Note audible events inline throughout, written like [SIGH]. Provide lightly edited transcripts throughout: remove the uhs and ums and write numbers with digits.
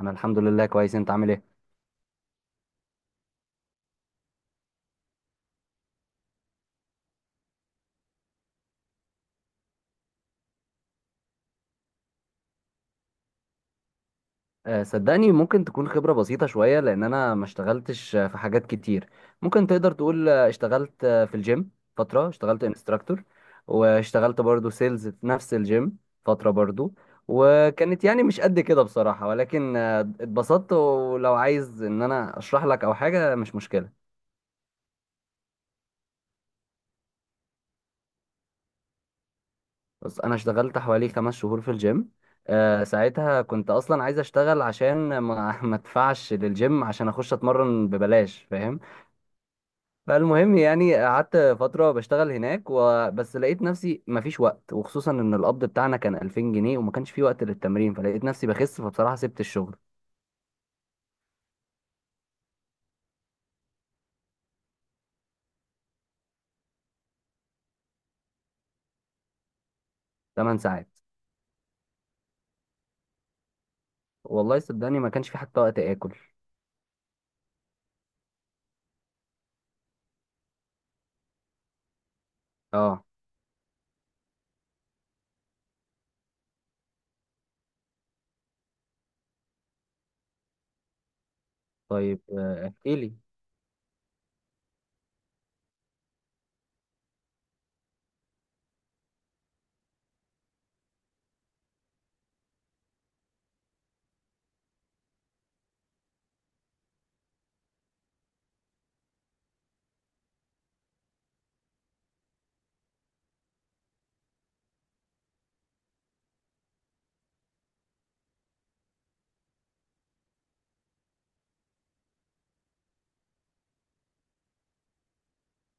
انا الحمد لله كويس، انت عامل ايه؟ أه، صدقني ممكن تكون خبرة بسيطة شوية لان انا ما اشتغلتش، في حاجات كتير. ممكن تقدر تقول اشتغلت في الجيم فترة، اشتغلت انستراكتور، واشتغلت برضو سيلز في نفس الجيم فترة برضو. وكانت يعني مش قد كده بصراحة، ولكن اتبسطت، ولو عايز ان انا اشرح لك او حاجة مش مشكلة. بس انا اشتغلت حوالي 5 شهور في الجيم. أه، ساعتها كنت اصلا عايز اشتغل عشان ما [LAUGHS] ما ادفعش للجيم عشان اخش اتمرن ببلاش، فاهم؟ فالمهم يعني قعدت فتره بشتغل هناك، وبس لقيت نفسي مفيش وقت، وخصوصا ان القبض بتاعنا كان 2000 جنيه وما كانش في وقت للتمرين، فلقيت نفسي بخس، فبصراحه سبت الشغل. 8 ساعات. والله صدقني ما كانش في حتى وقت اكل. اه، طيب احكي لي.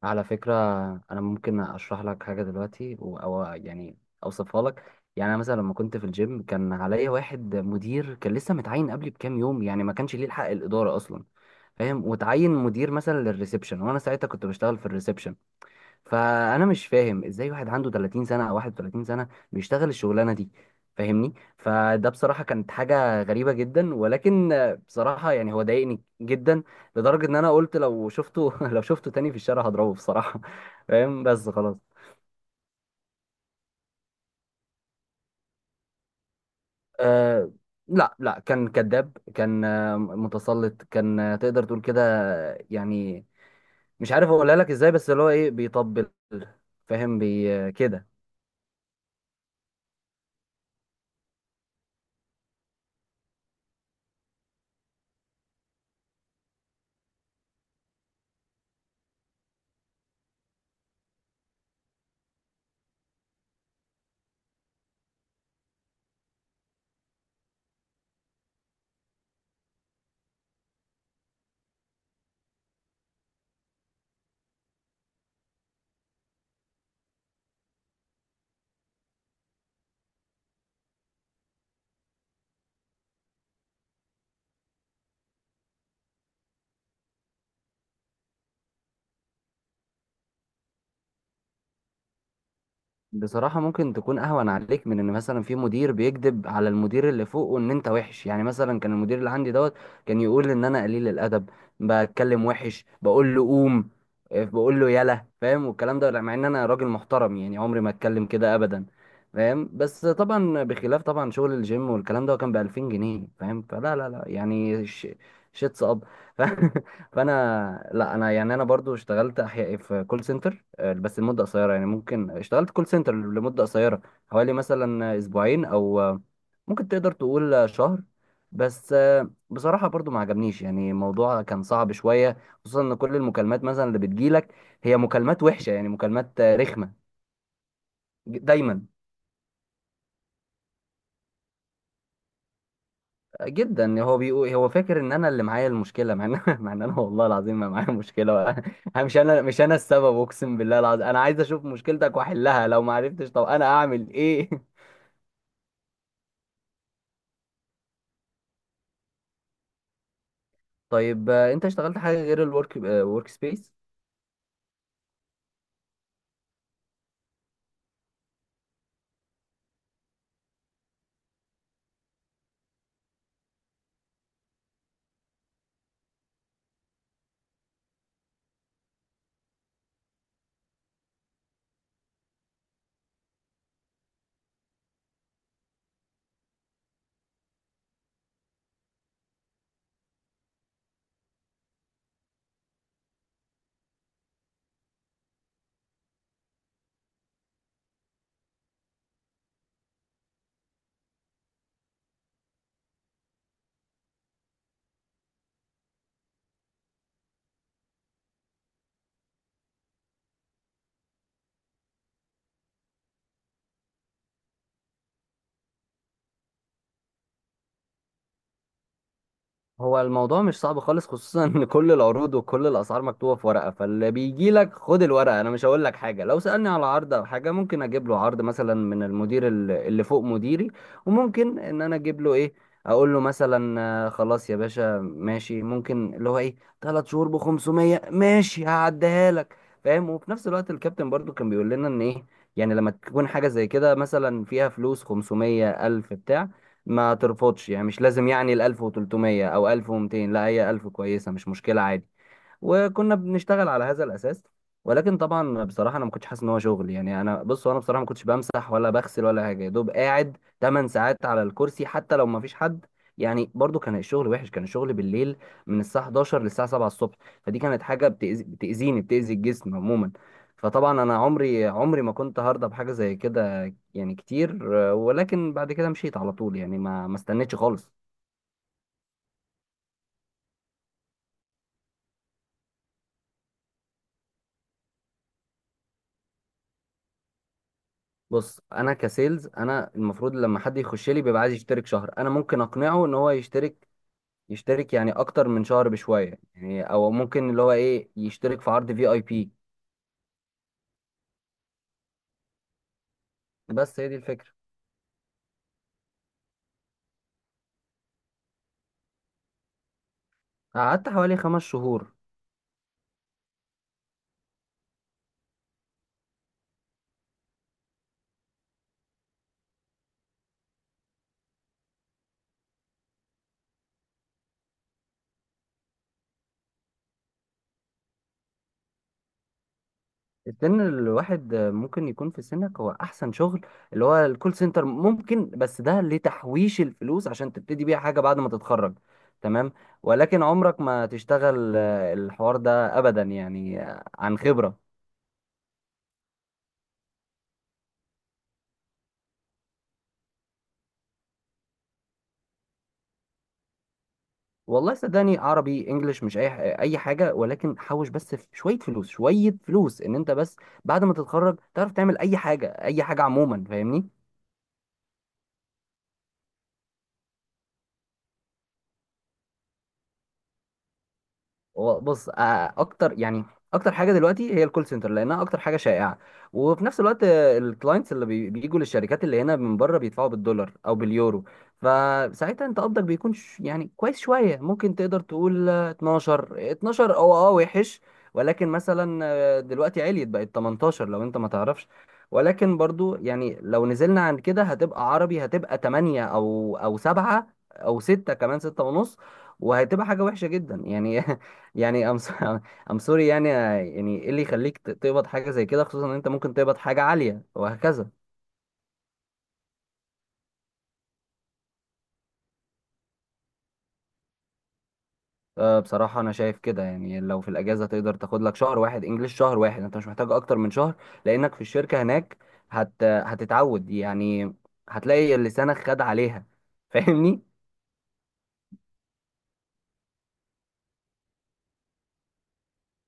على فكرة، أنا ممكن أشرح لك حاجة دلوقتي أو يعني أوصفها لك. يعني أنا مثلا لما كنت في الجيم كان عليا واحد مدير كان لسه متعين قبلي بكام يوم، يعني ما كانش ليه الحق الإدارة أصلا. فاهم؟ وتعين مدير مثلا للريسبشن، وأنا ساعتها كنت بشتغل في الريسبشن. فانا مش فاهم ازاي واحد عنده 30 سنه او 31 سنه بيشتغل الشغلانه دي. فاهمني؟ فده بصراحه كانت حاجه غريبه جدا، ولكن بصراحه يعني هو ضايقني جدا، لدرجه ان انا قلت لو شفته [LAUGHS] لو شفته تاني في الشارع هضربه بصراحه، فاهم؟ بس خلاص. أه، لا لا، كان كذاب، كان متسلط، كان تقدر تقول كده. يعني مش عارف اقولها لك ازاي، بس اللي هو ايه بيطبل، فاهم؟ بي كده. بصراحة ممكن تكون أهون عليك من إن مثلا في مدير بيكذب على المدير اللي فوقه إن أنت وحش. يعني مثلا كان المدير اللي عندي دوت كان يقول إن أنا قليل الأدب، بتكلم وحش، بقول له قوم، إيه، بقول له يلا، فاهم؟ والكلام ده مع إن أنا راجل محترم، يعني عمري ما أتكلم كده أبدا. فاهم؟ بس طبعا بخلاف طبعا شغل الجيم والكلام ده كان بألفين جنيه، فاهم؟ فلا لا لا يعني شيتس أب [LAUGHS] ف... فأنا لا، أنا يعني أنا برضو اشتغلت أحياء في كول سنتر، بس لمدة قصيرة. يعني ممكن اشتغلت كول سنتر لمدة قصيرة، حوالي مثلا أسبوعين أو ممكن تقدر تقول شهر. بس بصراحة برضو ما عجبنيش، يعني الموضوع كان صعب شوية، خصوصا إن كل المكالمات مثلا اللي بتجيلك هي مكالمات وحشة، يعني مكالمات رخمة دايما، جدا. هو بيقول هو فاكر ان انا اللي معايا المشكله، مع ان [LAUGHS] مع ان انا والله العظيم ما معايا مشكله [LAUGHS] مش انا، مش انا السبب، اقسم بالله العظيم، انا عايز اشوف مشكلتك واحلها، لو ما عرفتش طب انا اعمل ايه؟ [LAUGHS] طيب انت اشتغلت حاجه غير ورك سبيس؟ هو الموضوع مش صعب خالص، خصوصا ان كل العروض وكل الاسعار مكتوبه في ورقه. فاللي بيجي لك خد الورقه، انا مش هقول لك حاجه. لو سالني على عرض او حاجه ممكن اجيب له عرض مثلا من المدير اللي فوق مديري، وممكن ان انا اجيب له ايه، اقول له مثلا خلاص يا باشا ماشي، ممكن اللي هو ايه، 3 شهور ب 500 ماشي هعديها لك، فاهم؟ وفي نفس الوقت الكابتن برضو كان بيقول لنا ان ايه، يعني لما تكون حاجه زي كده مثلا فيها فلوس، 500 الف بتاع، ما ترفضش، يعني مش لازم يعني ال 1300 او 1200، لا هي 1000 كويسة، مش مشكلة، عادي. وكنا بنشتغل على هذا الاساس. ولكن طبعا بصراحه انا ما كنتش حاسس ان هو شغل، يعني انا بص، انا بصراحه ما كنتش بمسح ولا بغسل ولا حاجه، يا دوب قاعد 8 ساعات على الكرسي حتى لو ما فيش حد. يعني برضو كان الشغل وحش، كان الشغل بالليل من الساعه 11 للساعه 7 الصبح، فدي كانت حاجه بتأذي، بتاذيني، بتاذي الجسم عموما. فطبعا انا عمري عمري ما كنت هرضى بحاجه زي كده، يعني كتير. ولكن بعد كده مشيت على طول، يعني ما استنيتش خالص. بص انا كسيلز انا المفروض لما حد يخش لي بيبقى عايز يشترك شهر، انا ممكن اقنعه ان هو يشترك، يشترك يعني اكتر من شهر بشويه، يعني او ممكن اللي هو ايه يشترك في عرض في اي بي. بس هي دي الفكره. قعدت حوالي 5 شهور. السن الواحد ممكن يكون في سنك هو احسن شغل، اللي هو الكول سنتر ممكن، بس ده لتحويش الفلوس عشان تبتدي بيها حاجه بعد ما تتخرج. تمام؟ ولكن عمرك ما تشتغل الحوار ده ابدا، يعني عن خبره. والله صدقني عربي انجليش مش اي حاجه، ولكن حوش بس في شويه فلوس شويه فلوس ان انت بس بعد ما تتخرج تعرف تعمل اي حاجه، اي حاجه عموما، فاهمني؟ هو بص اكتر يعني، اكتر حاجه دلوقتي هي الكول سنتر لانها اكتر حاجه شائعه. وفي نفس الوقت الكلاينتس بيجوا للشركات اللي هنا من بره بيدفعوا بالدولار او باليورو. فساعتها انت قبضك بيكون يعني كويس شويه، ممكن تقدر تقول 12 12 او وحش. ولكن مثلا دلوقتي عليت بقت 18 لو انت ما تعرفش. ولكن برضو يعني لو نزلنا عن كده هتبقى عربي، هتبقى 8 او 7 او 6، كمان 6 ونص، وهتبقى حاجة وحشة جدا، يعني [LAUGHS] يعني ام ام سوري [LAUGHS] يعني، ايه اللي يخليك تقبض حاجه زي كده، خصوصا ان انت ممكن تقبض حاجه عاليه وهكذا. أه، بصراحه انا شايف كده، يعني لو في الاجازه تقدر تاخد لك شهر واحد انجليش، شهر واحد، انت مش محتاج اكتر من شهر. لانك في الشركه هناك هتتعود يعني، هتلاقي لسانك خد عليها [LAUGHS] فاهمني؟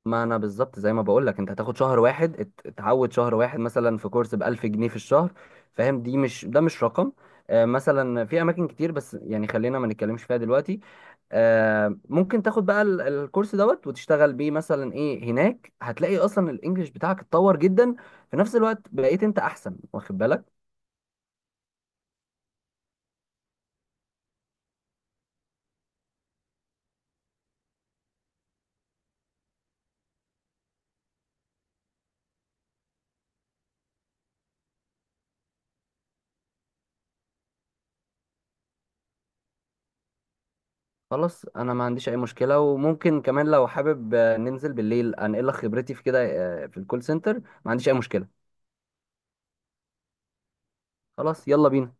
ما انا بالظبط زي ما بقول لك انت هتاخد شهر واحد، اتعود شهر واحد مثلا في كورس ب 1000 جنيه في الشهر، فاهم؟ دي مش ده مش رقم. مثلا في اماكن كتير، بس يعني خلينا ما نتكلمش فيها دلوقتي. ممكن تاخد بقى الكورس دوت وتشتغل بيه مثلا ايه هناك، هتلاقي اصلا الانجليش بتاعك اتطور جدا، في نفس الوقت بقيت انت احسن واخد بالك. خلاص انا ما عنديش اي مشكله، وممكن كمان لو حابب ننزل بالليل انقل لك خبرتي في كده، في الكول سنتر، ما عنديش اي مشكله. خلاص يلا بينا.